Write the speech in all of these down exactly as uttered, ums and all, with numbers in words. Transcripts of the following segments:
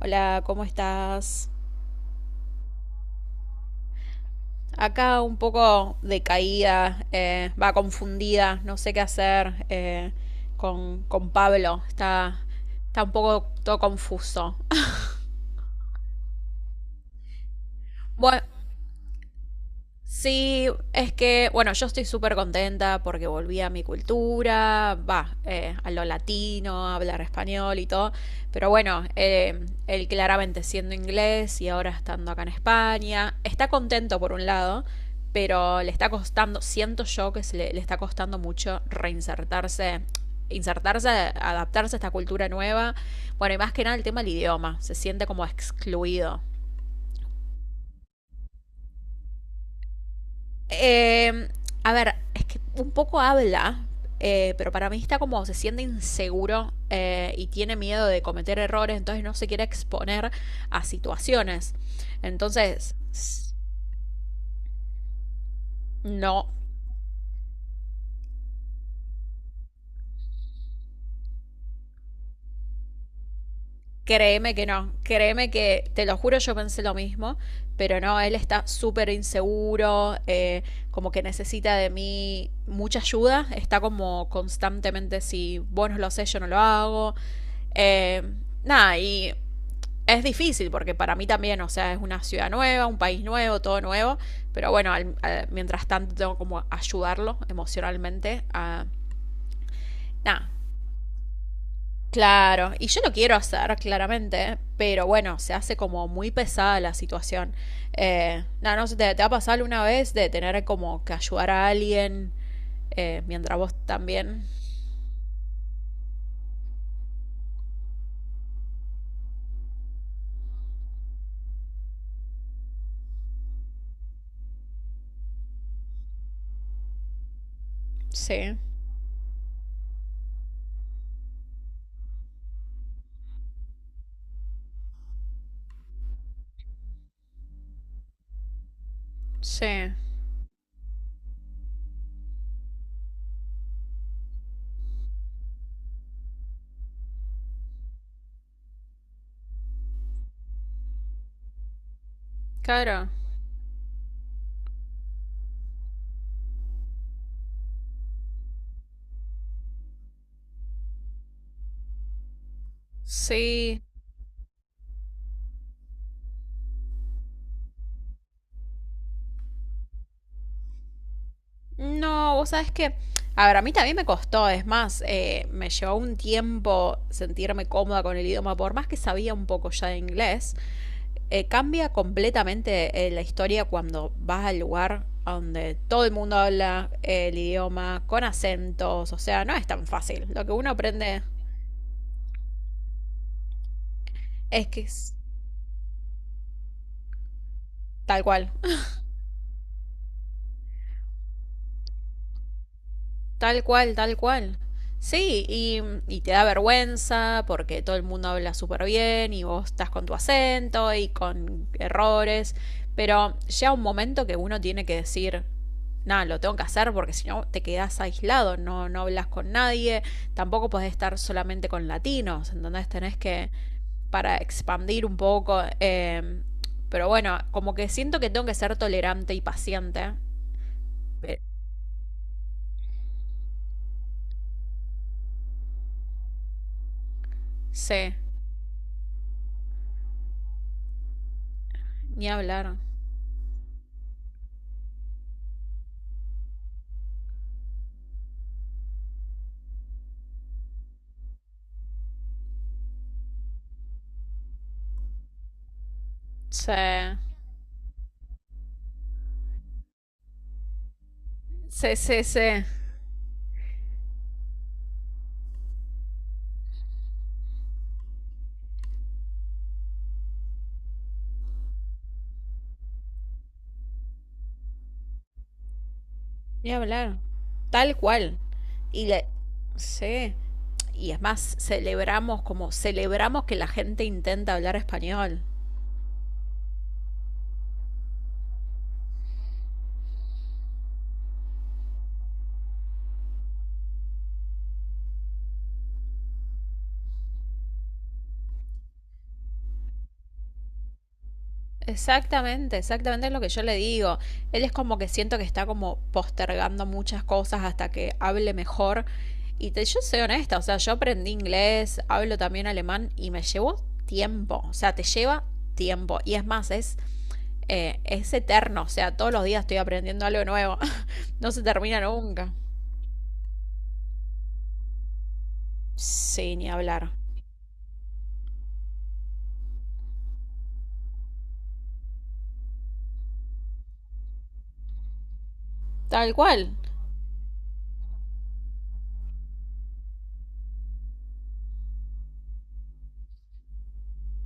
Hola, ¿cómo estás? Acá un poco decaída, eh, va confundida, no sé qué hacer eh, con, con Pablo. Está, está un poco todo confuso. Bueno, sí, es que, bueno, yo estoy súper contenta porque volví a mi cultura, va, eh, a lo latino, a hablar español y todo, pero bueno, eh, él claramente siendo inglés y ahora estando acá en España, está contento por un lado, pero le está costando, siento yo que se le, le está costando mucho reinsertarse, insertarse, adaptarse a esta cultura nueva, bueno, y más que nada el tema del idioma, se siente como excluido. Eh, a ver, es que un poco habla, eh, pero para mí está como se siente inseguro eh, y tiene miedo de cometer errores, entonces no se quiere exponer a situaciones. Entonces, no, créeme que no, créeme que, te lo juro, yo pensé lo mismo, pero no, él está súper inseguro, eh, como que necesita de mí mucha ayuda, está como constantemente, si vos no lo sé, yo no lo hago. Eh, nada, y Es difícil porque para mí también, o sea, es una ciudad nueva, un país nuevo, todo nuevo, pero bueno, al- al- mientras tanto tengo como ayudarlo emocionalmente a... Nada, claro, y yo lo quiero hacer claramente, pero bueno, se hace como muy pesada la situación. Eh, nada, no sé, ¿te, te ha pasado alguna vez de tener como que ayudar a alguien eh, mientras vos también? Sí, sí, claro, sí. No, vos sabés que, a ver, a mí también me costó, es más, eh, me llevó un tiempo sentirme cómoda con el idioma, por más que sabía un poco ya de inglés, eh, cambia completamente eh, la historia cuando vas al lugar donde todo el mundo habla el idioma con acentos, o sea, no es tan fácil. Lo que uno aprende es que es tal cual. Tal cual, tal cual. Sí, y, y te da vergüenza porque todo el mundo habla súper bien y vos estás con tu acento y con errores, pero llega un momento que uno tiene que decir, nada, lo tengo que hacer porque si no te quedas aislado, no, no hablas con nadie, tampoco podés estar solamente con latinos, entonces tenés que, para expandir un poco, eh, pero bueno, como que siento que tengo que ser tolerante y paciente. Pe- Sí, ni hablar. Sí, sí, sí, sí. Ni hablar. Tal cual. Y le... Sí. Y es más, celebramos como celebramos que la gente intenta hablar español. Exactamente, exactamente es lo que yo le digo. Él es como que siento que está como postergando muchas cosas hasta que hable mejor. Y te, yo soy honesta, o sea, yo aprendí inglés, hablo también alemán y me llevó tiempo. O sea, te lleva tiempo. Y es más, es eh, es eterno, o sea, todos los días estoy aprendiendo algo nuevo, no se termina nunca. Sí, ni hablar. Tal cual.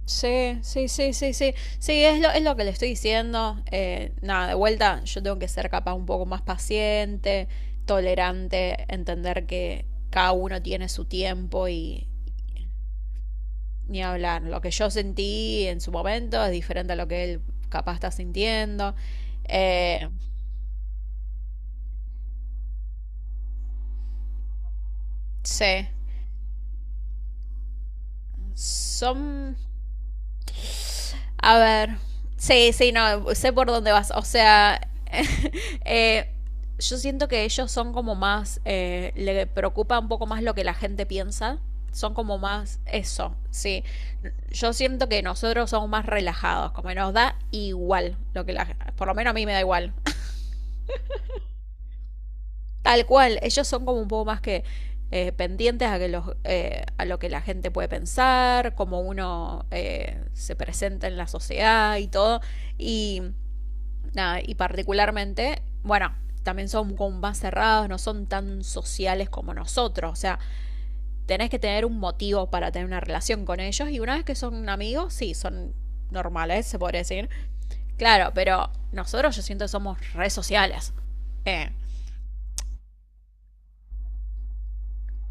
Sí, sí, sí, sí, sí. Sí, es lo, es lo que le estoy diciendo. Eh, nada, de vuelta, yo tengo que ser capaz un poco más paciente, tolerante, entender que cada uno tiene su tiempo y ni hablar. Lo que yo sentí en su momento es diferente a lo que él capaz está sintiendo. Eh, sí. Son, a ver. Sí, sí, no, sé por dónde vas. O sea, eh, yo siento que ellos son como más, eh, le preocupa un poco más lo que la gente piensa. Son como más eso, sí. Yo siento que nosotros somos más relajados, como que nos da igual lo que la gente, por lo menos a mí me da igual. Tal cual, ellos son como un poco más que eh, pendientes a, que los, eh, a lo que la gente puede pensar, cómo uno eh, se presenta en la sociedad y todo. Y Nada, y particularmente, bueno, también son como más cerrados, no son tan sociales como nosotros. O sea, tenés que tener un motivo para tener una relación con ellos. Y una vez que son amigos, sí, son normales, se podría decir. Claro, pero nosotros yo siento que somos redes sociales. Eh,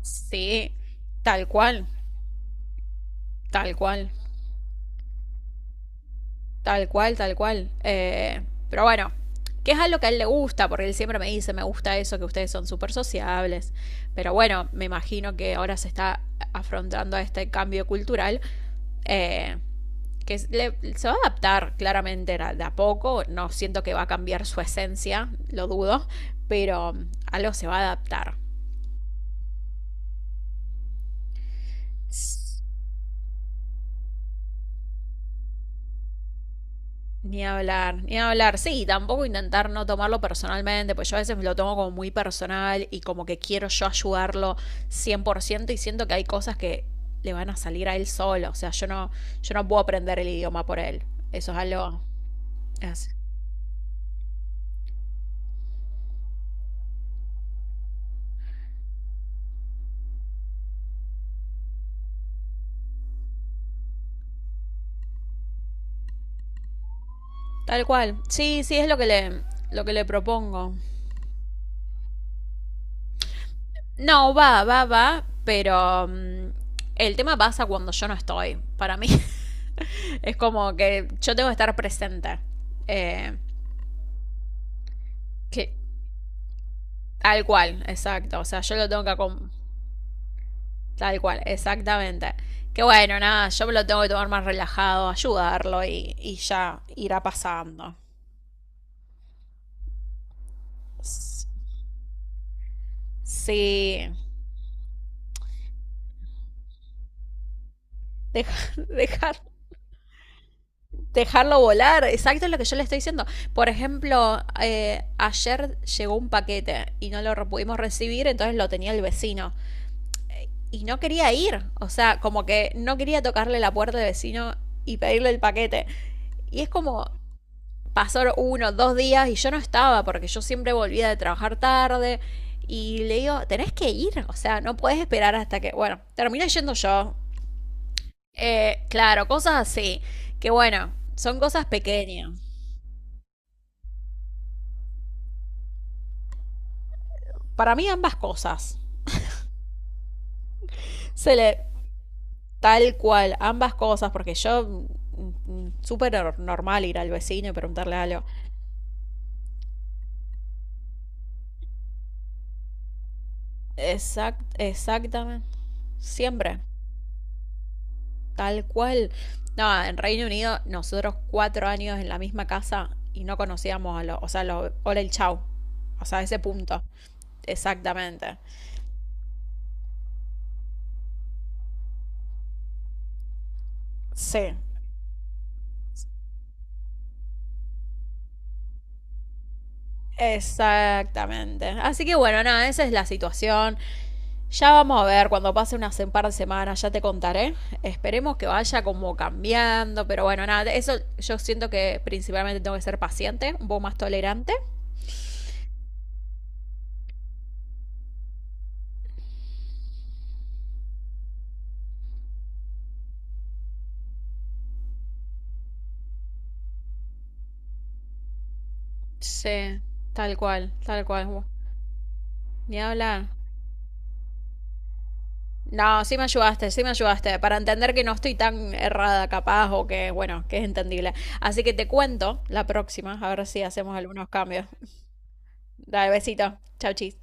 sí, tal cual, tal cual. Tal cual, tal cual. Eh, pero bueno, que es algo que a él le gusta, porque él siempre me dice, me gusta eso, que ustedes son súper sociables. Pero bueno, me imagino que ahora se está afrontando a este cambio cultural, eh, que le- se va a adaptar claramente de a poco, no siento que va a cambiar su esencia, lo dudo, pero um, algo se va a adaptar. Ni hablar, ni hablar. Sí, tampoco intentar no tomarlo personalmente, pues yo a veces lo tomo como muy personal y como que quiero yo ayudarlo cien por ciento y siento que hay cosas que le van a salir a él solo, o sea, yo no yo no puedo aprender el idioma por él. Eso es algo es- tal cual. Sí, sí, es lo que le lo que le propongo. No, va, va, va, pero mm, el tema pasa cuando yo no estoy. Para mí es como que yo tengo que estar presente. Eh, que Tal cual, exacto. O sea, yo lo tengo que acom- tal cual, exactamente. Que bueno, nada, yo me lo tengo que tomar más relajado, ayudarlo y, y ya irá pasando. S- Sí. Dejar, dejar, dejarlo volar, exacto es lo que yo le estoy diciendo. Por ejemplo, eh, ayer llegó un paquete y no lo re- pudimos recibir, entonces lo tenía el vecino. Y no quería ir, o sea, como que no quería tocarle la puerta al vecino y pedirle el paquete. Y es como, pasaron uno, dos días y yo no estaba porque yo siempre volvía de trabajar tarde. Y le digo, tenés que ir, o sea, no puedes esperar hasta que, bueno, terminé yendo yo. Eh, claro, cosas así, que bueno, son cosas pequeñas. Para mí ambas cosas. Se le, Tal cual, ambas cosas, porque yo mm, mm, súper normal ir al vecino y preguntarle algo. Exact, exactamente. Siempre. Tal cual. No, en Reino Unido, nosotros cuatro años en la misma casa y no conocíamos a los, o sea, los, hola el chau. O sea, ese punto. Exactamente. Sí, exactamente. Así que bueno, nada, esa es la situación. Ya vamos a ver cuando pase unas un par de semanas, ya te contaré. Esperemos que vaya como cambiando, pero bueno, nada, eso yo siento que principalmente tengo que ser paciente, un poco más tolerante. Sí, tal cual, tal cual. Ni hablar. No, sí me ayudaste, sí me ayudaste, para entender que no estoy tan errada capaz o que, bueno, que es entendible. Así que te cuento la próxima, a ver si hacemos algunos cambios. Dale, besito. Chau, chis.